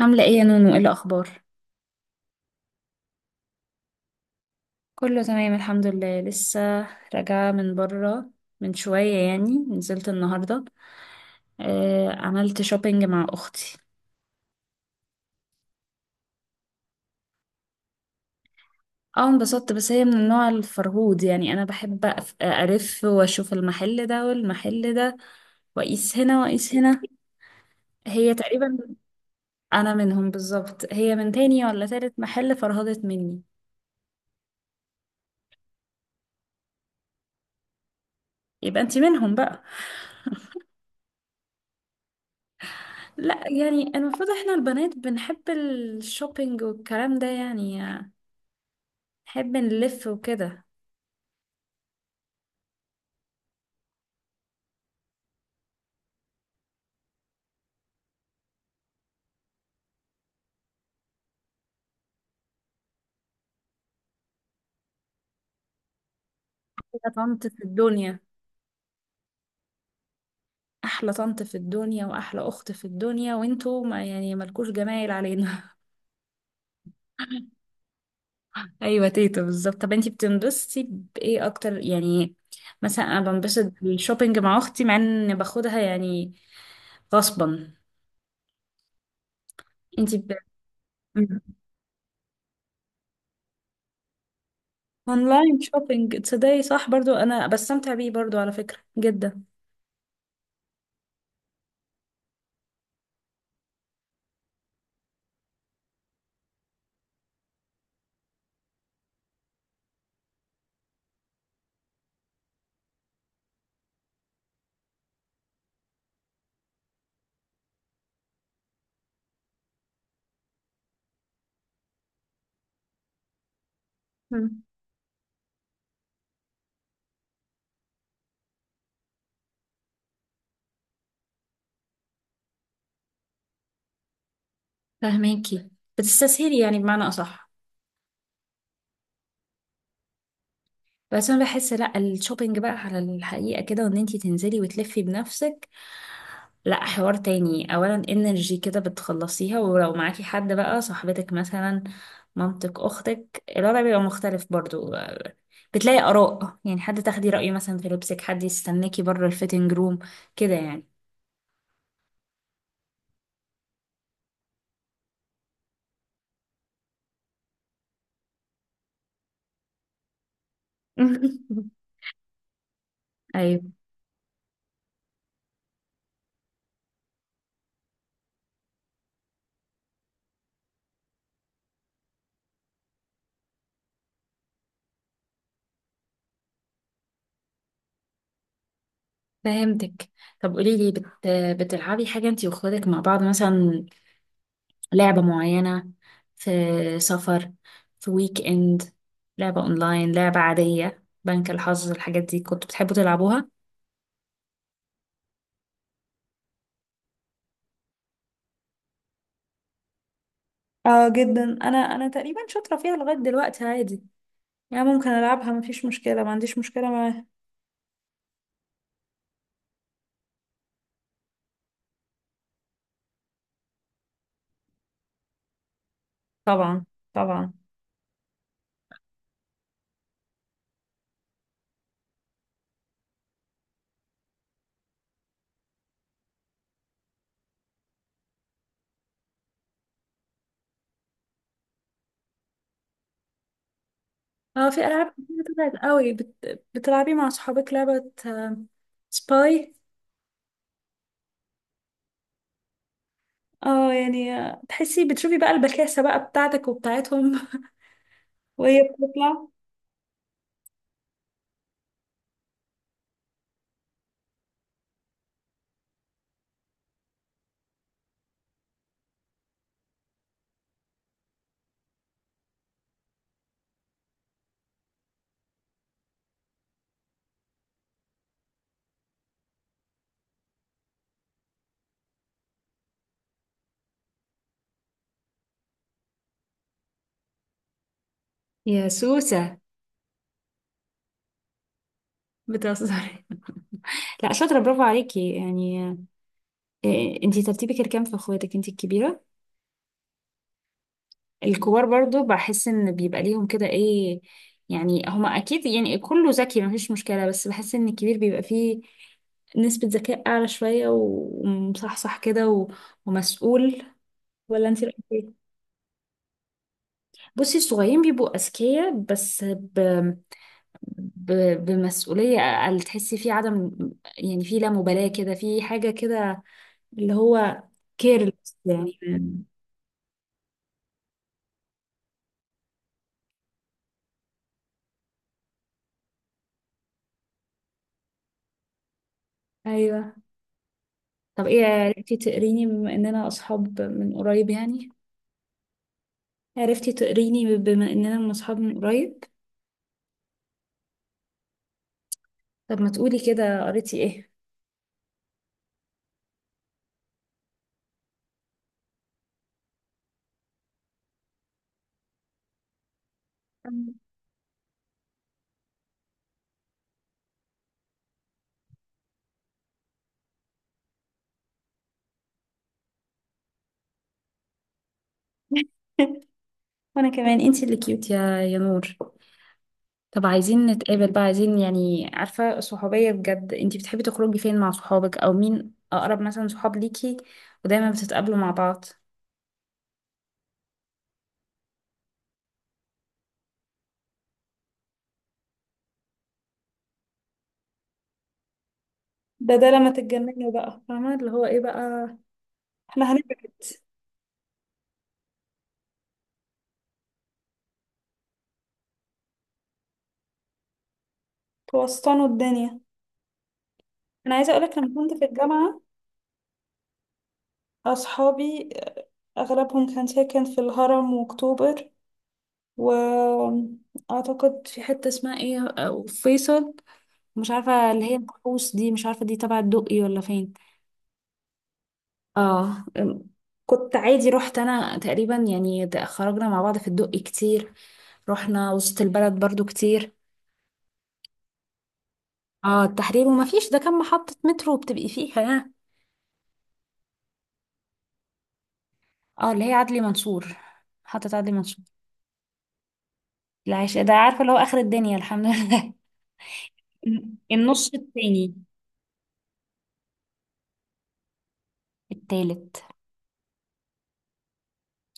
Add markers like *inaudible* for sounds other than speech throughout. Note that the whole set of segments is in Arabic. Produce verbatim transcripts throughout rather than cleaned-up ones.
عاملة ايه يا نونو؟ ايه الأخبار؟ كله تمام الحمد لله، لسه راجعة من برا من شوية. يعني نزلت النهاردة. آه، عملت شوبينج مع أختي. اه انبسطت، بس هي من النوع الفرهود. يعني أنا بحب أف- ألف وأشوف المحل ده والمحل ده وأقيس هنا وأقيس هنا. هي تقريبا أنا منهم بالظبط، هي من تاني ولا تالت محل فرهدت مني. يبقى انتي منهم بقى. لا يعني المفروض احنا البنات بنحب الشوبينج والكلام ده، يعني نحب نلف وكده. يا طنط في الدنيا، احلى طنط في الدنيا واحلى اخت في الدنيا، وانتوا ما يعني ملكوش جمايل علينا. *laughs* ايوه تيتا بالظبط. طب انتي بتنبسطي بايه اكتر يعني؟ مثلا انا بنبسط بالشوبينج مع اختي، مع ان باخدها يعني غصبا. انتي ب... مم. اونلاين شوبينج، تصدقي صح؟ برضو انا بستمتع بيه برضو على فكرة جدا. مم. فهماكي، بتستسهلي يعني بمعنى اصح. بس انا بحس لا، الشوبينج بقى على الحقيقة كده، وان انتي تنزلي وتلفي بنفسك لا حوار تاني. اولا انرجي كده بتخلصيها، ولو معاكي حد بقى صاحبتك مثلا مامتك اختك الوضع بيبقى مختلف برضو. بتلاقي اراء يعني، حد تاخدي رأيه مثلا في لبسك، حد يستناكي بره الفيتنج روم كده يعني. *laughs* ايوه فهمتك. طب قولي لي بت... بتلعبي حاجة انتي واخواتك مع بعض مثلا؟ لعبة معينة، في سفر، في ويك اند، لعبة اونلاين، لعبة عادية، بنك الحظ، الحاجات دي كنتوا بتحبوا تلعبوها؟ اه جدا، انا انا تقريبا شاطره فيها لغايه دلوقتي عادي. يعني ممكن العبها مفيش مشكله، ما عنديش مشكله معاها. طبعا طبعا. اه في العاب كتير طلعت قوي. بت... بتلعبي مع صحابك لعبه آه، سباي. اه يعني آه، تحسي بتشوفي بقى البكاسه بقى بتاعتك وبتاعتهم. *laughs* وهي بتطلع. يا سوسة! بتهزري، لا شاطرة، برافو عليكي يعني. إيه، انتي ترتيبك الكام في اخواتك؟ انتي الكبيرة؟ الكبار برضو بحس ان بيبقى ليهم كده ايه يعني، هما اكيد يعني كله ذكي مفيش مشكلة، بس بحس ان الكبير بيبقى فيه نسبة ذكاء اعلى شوية و- ومصحصح كده و- ومسؤول. ولا انتي رأيك ايه؟ بصي الصغيرين بيبقوا اذكياء بس ب... ب... بمسؤولية اقل. تحسي في عدم، يعني في لا مبالاة كده، في حاجة كده اللي هو كيرلس يعني. ايوه. طب ايه عرفتي تقريني بما اننا اصحاب من قريب يعني؟ عرفتي تقريني بما اننا من اصحاب من قريب؟ طب ما تقولي كده، قريتي ايه؟ أم. *laughs* وانا كمان، انتي اللي كيوت يا يا نور. طب عايزين نتقابل بقى، عايزين يعني عارفة صحوبية بجد. انتي بتحبي تخرجي فين مع صحابك؟ او مين اقرب مثلا صحاب ليكي ودايما بتتقابلوا مع بعض؟ ده ده لما تتجننوا بقى، فاهمة اللي هو ايه بقى، احنا هنبعد. توسطنوا الدنيا. انا عايزة اقولك، لما كنت في الجامعة أصحابي أغلبهم كان ساكن في الهرم وأكتوبر، وأعتقد في حتة اسمها إيه أو فيصل، مش عارفة اللي هي الكحوس دي، مش عارفة دي تبع الدقي ولا فين. آه أم، كنت عادي، رحت أنا تقريبا يعني د- خرجنا مع بعض في الدقي كتير. رحنا وسط البلد برضو كتير. اه التحرير، وما فيش، ده كان محطة مترو بتبقي فيها ها. اه اللي هي عدلي منصور، محطة عدلي منصور. العيش ده عارفة اللي هو آخر الدنيا، الحمد لله. النص التاني. التالت.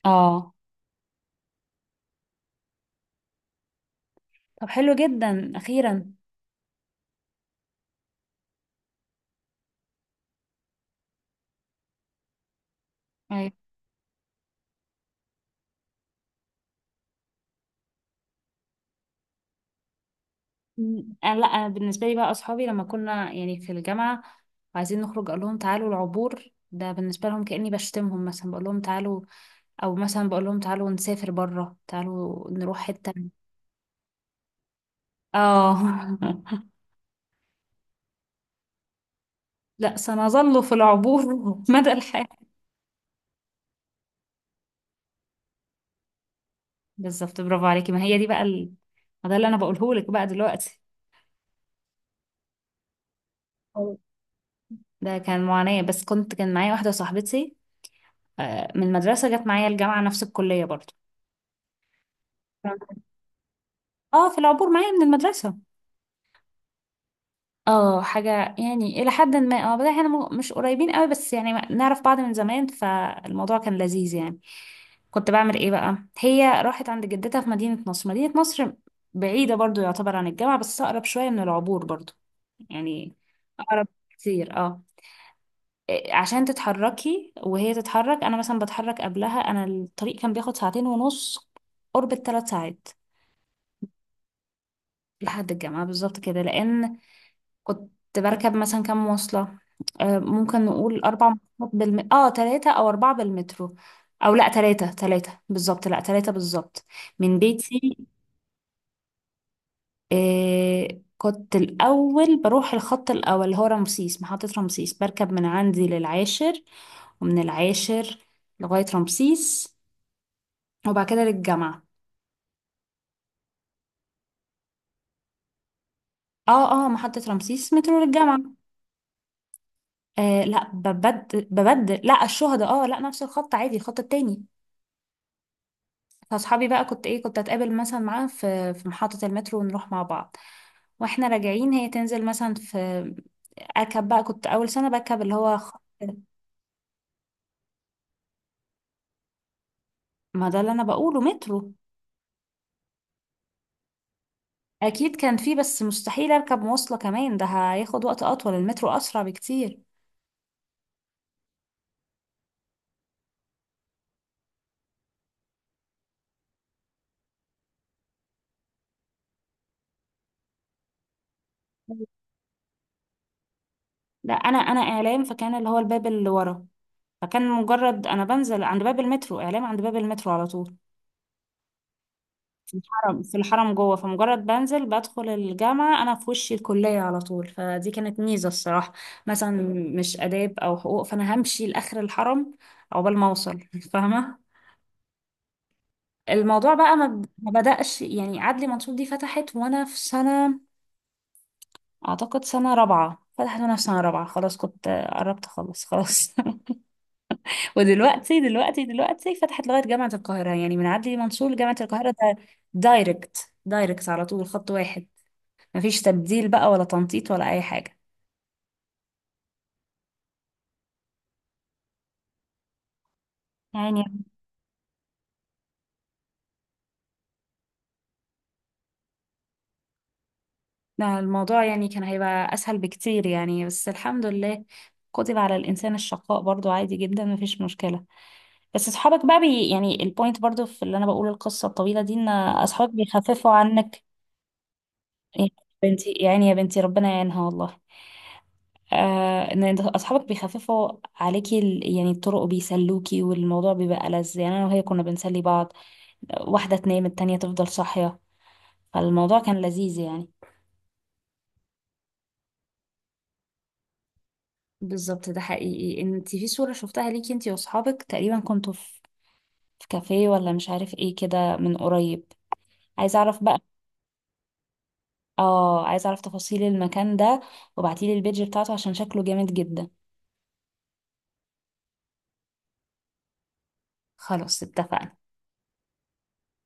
اه طب حلو جدا اخيرا. أيوة. م- أنا لا أنا بالنسبه لي بقى اصحابي، لما كنا يعني في الجامعه عايزين نخرج، اقول لهم تعالوا العبور، ده بالنسبه لهم كاني بشتمهم مثلا. بقول لهم تعالوا، او مثلا بقول لهم تعالوا نسافر بره، تعالوا نروح حته. اه. *laughs* لا، سنظل في العبور *laughs* مدى الحياه. بالظبط برافو عليكي، ما هي دي بقى ال... ما ده اللي انا بقوله لك بقى دلوقتي. أيوة. ده كان معاناة، بس كنت كان معايا واحدة صاحبتي آه، من المدرسة، جت معايا الجامعة نفس الكلية برضو. آه. اه في العبور معايا من المدرسة. اه حاجة يعني إلى حد ما. اه بس احنا م- مش قريبين قوي، بس يعني ما- نعرف بعض من زمان، فالموضوع كان لذيذ يعني. كنت بعمل ايه بقى؟ هي راحت عند جدتها في مدينة نصر مدينة نصر بعيدة برضو يعتبر عن الجامعة، بس أقرب شوية من العبور برضو يعني. أقرب كتير اه. إيه، عشان تتحركي وهي تتحرك، أنا مثلا بتحرك قبلها. أنا الطريق كان بياخد ساعتين ونص، قرب الثلاث ساعات. لحد الجامعة بالظبط كده. لأن كنت بركب مثلا كام مواصلة، آه، ممكن نقول أربع مواصلات بالم... اه تلاتة أو أربعة. بالمترو أو لأ تلاتة، تلاتة بالظبط، لأ تلاتة بالظبط من بيتي. آه كنت الأول بروح الخط الأول اللي هو رمسيس، محطة رمسيس. بركب من عندي للعاشر، ومن العاشر لغاية رمسيس، وبعد كده للجامعة. اه اه، محطة رمسيس مترو للجامعة. آه لا، ببدل ببدل لا الشهداء، اه لا نفس الخط عادي، الخط التاني. فاصحابي بقى كنت ايه، كنت اتقابل مثلا معاها في في محطة المترو ونروح مع بعض. واحنا راجعين هي تنزل مثلا في، اركب بقى كنت اول سنة بركب اللي هو خط. ما ده اللي انا بقوله، مترو. اكيد كان فيه، بس مستحيل اركب مواصلة كمان، ده هياخد وقت اطول، المترو اسرع بكتير. لا، انا انا اعلام فكان اللي هو الباب اللي ورا. فكان مجرد انا بنزل عند باب المترو اعلام، عند باب المترو على طول. في الحرم في الحرم جوه. فمجرد بنزل بدخل الجامعة أنا في وشي الكلية على طول، فدي كانت ميزة الصراحة. مثلا مش آداب أو حقوق، فأنا همشي لآخر الحرم عقبال ما أوصل *laughs* فاهمة. الموضوع بقى ما ب- ما بدأش يعني. عدلي منصور دي فتحت وأنا في سنة، أعتقد سنة رابعة. فتحت وأنا في سنة رابعة خلاص، كنت قربت أخلص خلاص *laughs* ودلوقتي دلوقتي دلوقتي فتحت لغاية جامعة القاهرة. يعني من عدلي منصور لجامعة القاهرة ده دايركت دايركت على طول، خط واحد، مفيش تبديل بقى ولا تنطيط ولا أي حاجة يعني. ده الموضوع يعني كان هيبقى أسهل بكتير يعني، بس الحمد لله كتب على الإنسان الشقاء برضو، عادي جدا مفيش مشكلة. بس أصحابك بقى، بي يعني البوينت برضو في اللي أنا بقول القصة الطويلة دي، إن أصحابك بيخففوا عنك. يا بنتي يعني، يا بنتي ربنا يعينها والله. آه إن أنت- أصحابك بيخففوا عليكي ال- يعني الطرق، وبيسلوكي، والموضوع بيبقى لذ يعني. أنا وهي كنا بنسلي بعض، واحدة تنام التانية تفضل صاحية، فالموضوع كان لذيذ يعني. بالظبط ده حقيقي. انت في صورة شفتها ليكي انت واصحابك تقريبا، كنتوا في في كافيه ولا مش عارف ايه كده، من قريب. عايزة اعرف بقى. اه عايزة اعرف تفاصيل المكان ده، وبعتيلي البيج بتاعته عشان شكله جامد جدا. خلاص اتفقنا.